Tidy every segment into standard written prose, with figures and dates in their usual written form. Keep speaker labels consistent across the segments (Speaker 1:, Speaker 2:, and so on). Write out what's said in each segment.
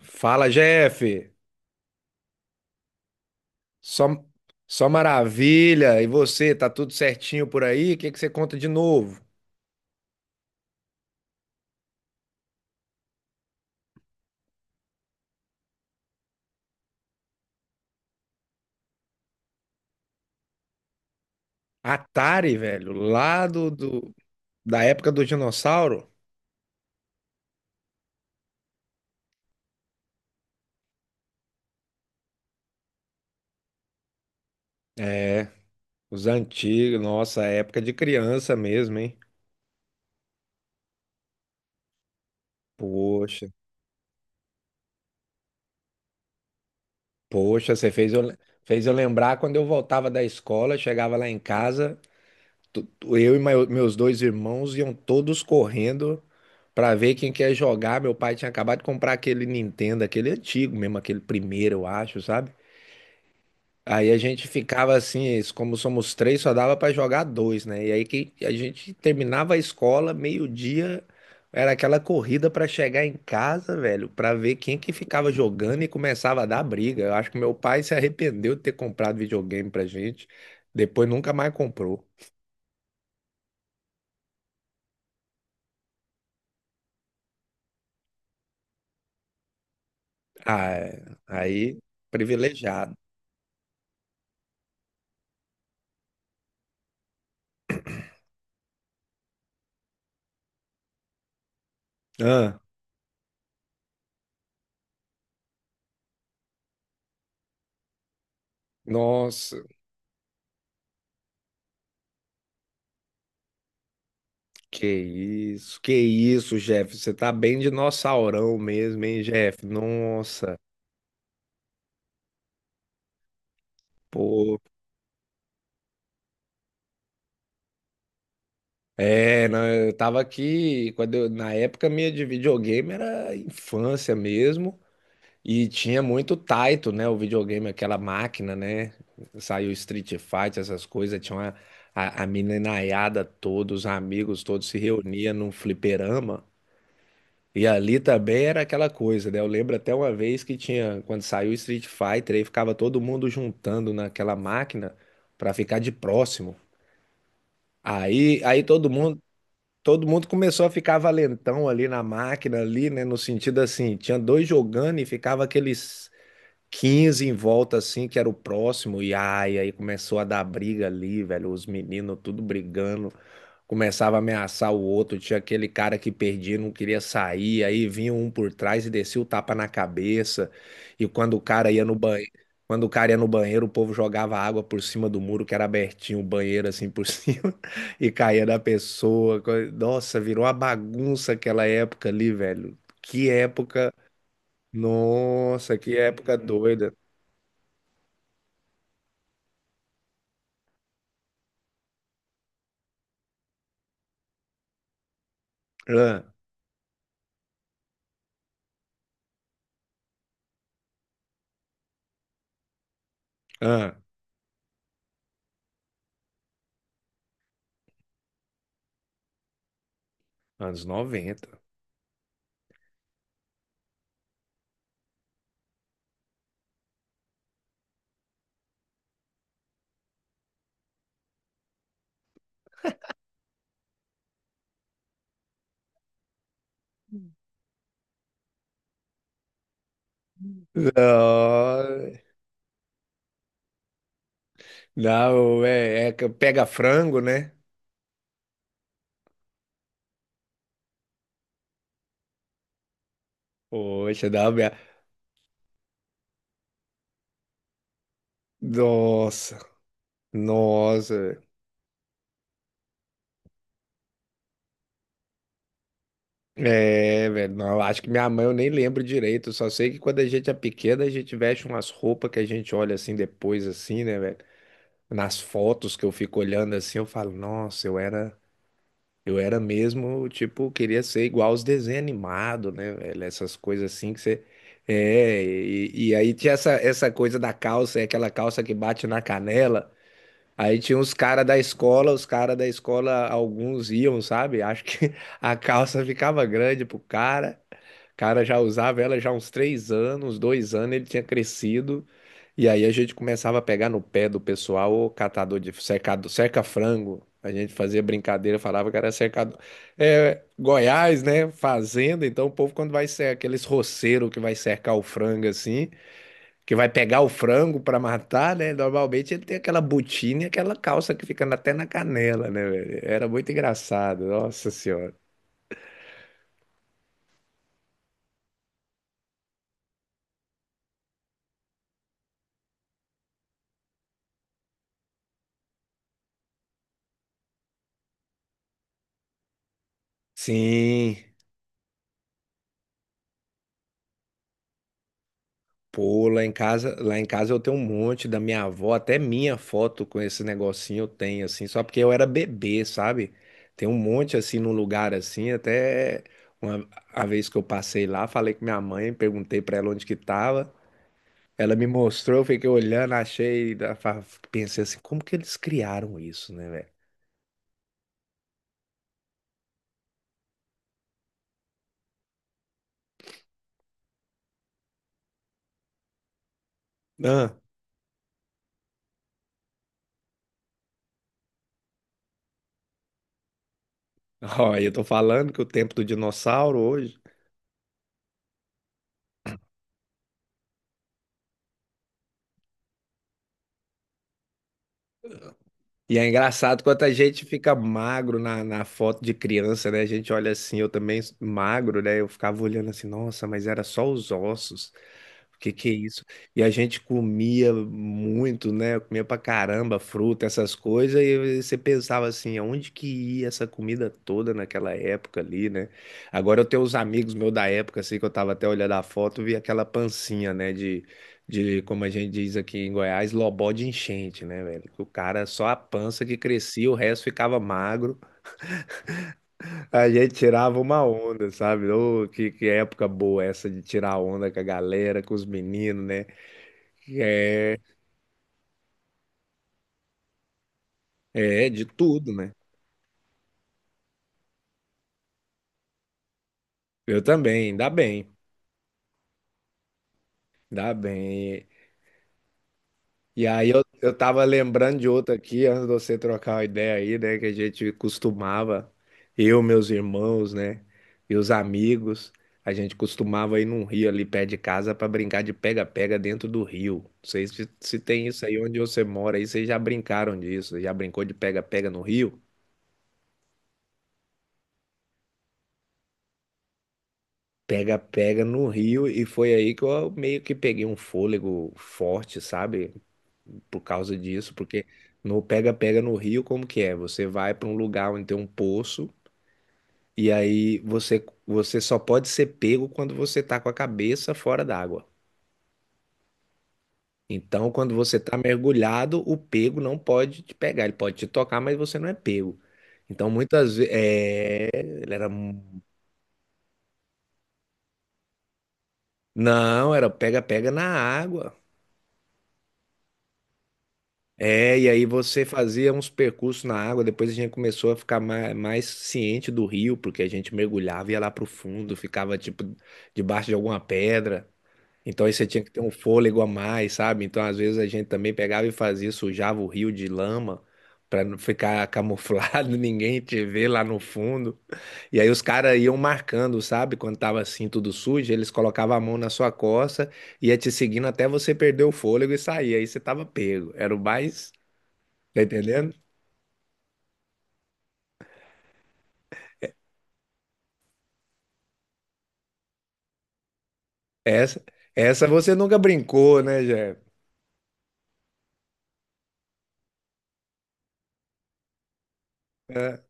Speaker 1: Fala, Jeff. Só, só maravilha. E você, tá tudo certinho por aí? O que que você conta de novo? Atari, velho, lá da época do dinossauro? É, os antigos, nossa, época de criança mesmo, hein? Poxa, poxa, você fez eu lembrar quando eu voltava da escola, chegava lá em casa, Eu e meus dois irmãos iam todos correndo pra ver quem quer jogar. Meu pai tinha acabado de comprar aquele Nintendo, aquele antigo mesmo, aquele primeiro, eu acho, sabe? Aí a gente ficava assim, como somos três, só dava pra jogar dois, né? E aí que a gente terminava a escola, meio-dia, era aquela corrida pra chegar em casa, velho, pra ver quem que ficava jogando e começava a dar briga. Eu acho que meu pai se arrependeu de ter comprado videogame pra gente, depois nunca mais comprou. Ah, é. Aí, privilegiado. Ah, nossa, que isso, Jeff. Você tá bem dinossaurão mesmo, hein, Jeff? Nossa, pô. É, não, eu tava aqui, na época minha de videogame era infância mesmo, e tinha muito Taito, né, o videogame, aquela máquina, né, saiu Street Fighter, essas coisas, a meninaiada toda, os amigos todos se reuniam num fliperama. E ali também era aquela coisa, né? Eu lembro até uma vez que tinha, quando saiu Street Fighter, aí ficava todo mundo juntando naquela máquina pra ficar de próximo. Aí, todo mundo começou a ficar valentão ali na máquina ali, né? No sentido assim, tinha dois jogando e ficava aqueles 15 em volta assim, que era o próximo. E aí começou a dar briga ali, velho, os meninos tudo brigando. Começava a ameaçar o outro, tinha aquele cara que perdia, não queria sair, aí vinha um por trás e descia o tapa na cabeça. E quando o cara ia no banheiro, o povo jogava água por cima do muro que era abertinho, o banheiro assim por cima e caía da pessoa. Nossa, virou uma bagunça aquela época ali, velho. Que época, nossa, que época doida. Ah, ah, anos 90. Não, não, é que pega frango, né? Poxa, da minha... Nossa, nossa. Velho. É, velho, não, acho que minha mãe eu nem lembro direito. Eu só sei que quando a gente é pequena, a gente veste umas roupas que a gente olha assim depois, assim, né, velho? Nas fotos que eu fico olhando assim, eu falo, nossa, eu era mesmo, tipo, queria ser igual aos desenhos animados, né, velho? Essas coisas assim que você. É, e aí tinha essa coisa da calça, é aquela calça que bate na canela. Aí tinha uns caras da escola, os caras da escola, alguns iam, sabe? Acho que a calça ficava grande pro cara. O cara já usava ela já há uns 3 anos, uns 2 anos, ele tinha crescido. E aí a gente começava a pegar no pé do pessoal, o catador de cercado, cerca-frango. A gente fazia brincadeira, falava que era cercador. É, Goiás, né? Fazenda. Então o povo, quando vai ser aqueles roceiros que vai cercar o frango assim que vai pegar o frango para matar, né? Normalmente ele tem aquela botina e aquela calça que fica até na canela, né, velho? Era muito engraçado, nossa senhora. Sim. Pô, lá em casa eu tenho um monte da minha avó, até minha foto com esse negocinho eu tenho assim, só porque eu era bebê, sabe? Tem um monte assim num lugar assim, até uma a vez que eu passei lá, falei com minha mãe, perguntei pra ela onde que tava. Ela me mostrou, eu fiquei olhando, achei, pensei assim, como que eles criaram isso, né, velho? Ah, Ó, eu tô falando que o tempo do dinossauro hoje. E é engraçado quanto a gente fica magro na foto de criança, né? A gente olha assim, eu também magro, né? Eu ficava olhando assim, nossa, mas era só os ossos. O que que é isso? E a gente comia muito, né? Comia pra caramba fruta, essas coisas, e você pensava assim, aonde que ia essa comida toda naquela época ali, né? Agora eu tenho uns amigos meus da época, assim, que eu tava até olhando a foto, vi aquela pancinha, né? De como a gente diz aqui em Goiás, lobó de enchente, né, velho? Que o cara só a pança que crescia, o resto ficava magro. A gente tirava uma onda, sabe? Ô, que época boa essa de tirar onda com a galera, com os meninos, né? É, de tudo, né? Eu também, ainda bem, ainda bem. E aí eu tava lembrando de outra aqui, antes de você trocar uma ideia aí, né? Que a gente costumava, eu, meus irmãos, né? E os amigos, a gente costumava ir num rio ali perto de casa pra brincar de pega-pega dentro do rio. Não sei se tem isso aí onde você mora, aí vocês já brincaram disso, já brincou de pega-pega no rio? Pega-pega no rio, e foi aí que eu meio que peguei um fôlego forte, sabe? Por causa disso, porque no pega-pega no Rio, como que é? Você vai para um lugar onde tem um poço e aí você só pode ser pego quando você tá com a cabeça fora d'água. Então, quando você tá mergulhado, o pego não pode te pegar, ele pode te tocar, mas você não é pego. Então, muitas vezes, é, ele era, não, era pega-pega na água. É, e aí você fazia uns percursos na água, depois a gente começou a ficar mais ciente do rio, porque a gente mergulhava, ia lá pro fundo, ficava tipo debaixo de alguma pedra. Então aí você tinha que ter um fôlego a mais, sabe? Então às vezes a gente também pegava e fazia, sujava o rio de lama para não ficar camuflado, ninguém te ver lá no fundo. E aí os caras iam marcando, sabe? Quando tava assim tudo sujo, eles colocavam a mão na sua costa, ia te seguindo até você perder o fôlego e sair. Aí você tava pego. Era o mais... Tá entendendo? Essa, essa, você nunca brincou, né, Jé? É.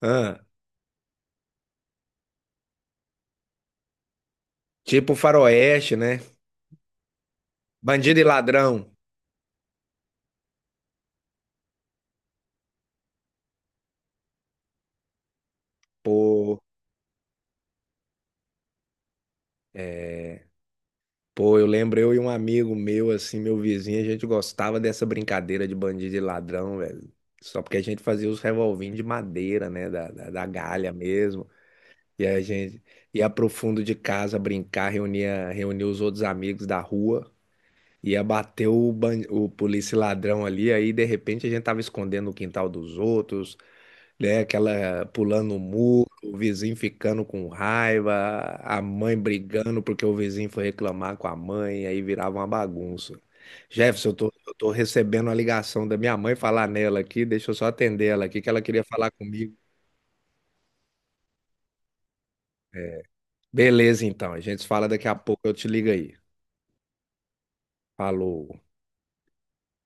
Speaker 1: Ah, tipo faroeste, né? Bandido e ladrão. Pô, é... Pô, eu lembro eu e um amigo meu, assim, meu vizinho, a gente gostava dessa brincadeira de bandido e ladrão, velho. Só porque a gente fazia os revolvinhos de madeira, né? Da galha mesmo. E a gente ia pro fundo de casa brincar, reunia os outros amigos da rua. Ia bater o polícia e ladrão ali, aí de repente a gente tava escondendo o quintal dos outros, né? Aquela pulando o muro, o vizinho ficando com raiva, a mãe brigando porque o vizinho foi reclamar com a mãe, aí virava uma bagunça. Jefferson, eu tô recebendo a ligação da minha mãe falar nela aqui, deixa eu só atender ela aqui, que ela queria falar comigo. É, beleza, então, a gente se fala daqui a pouco, eu te ligo aí. Falou.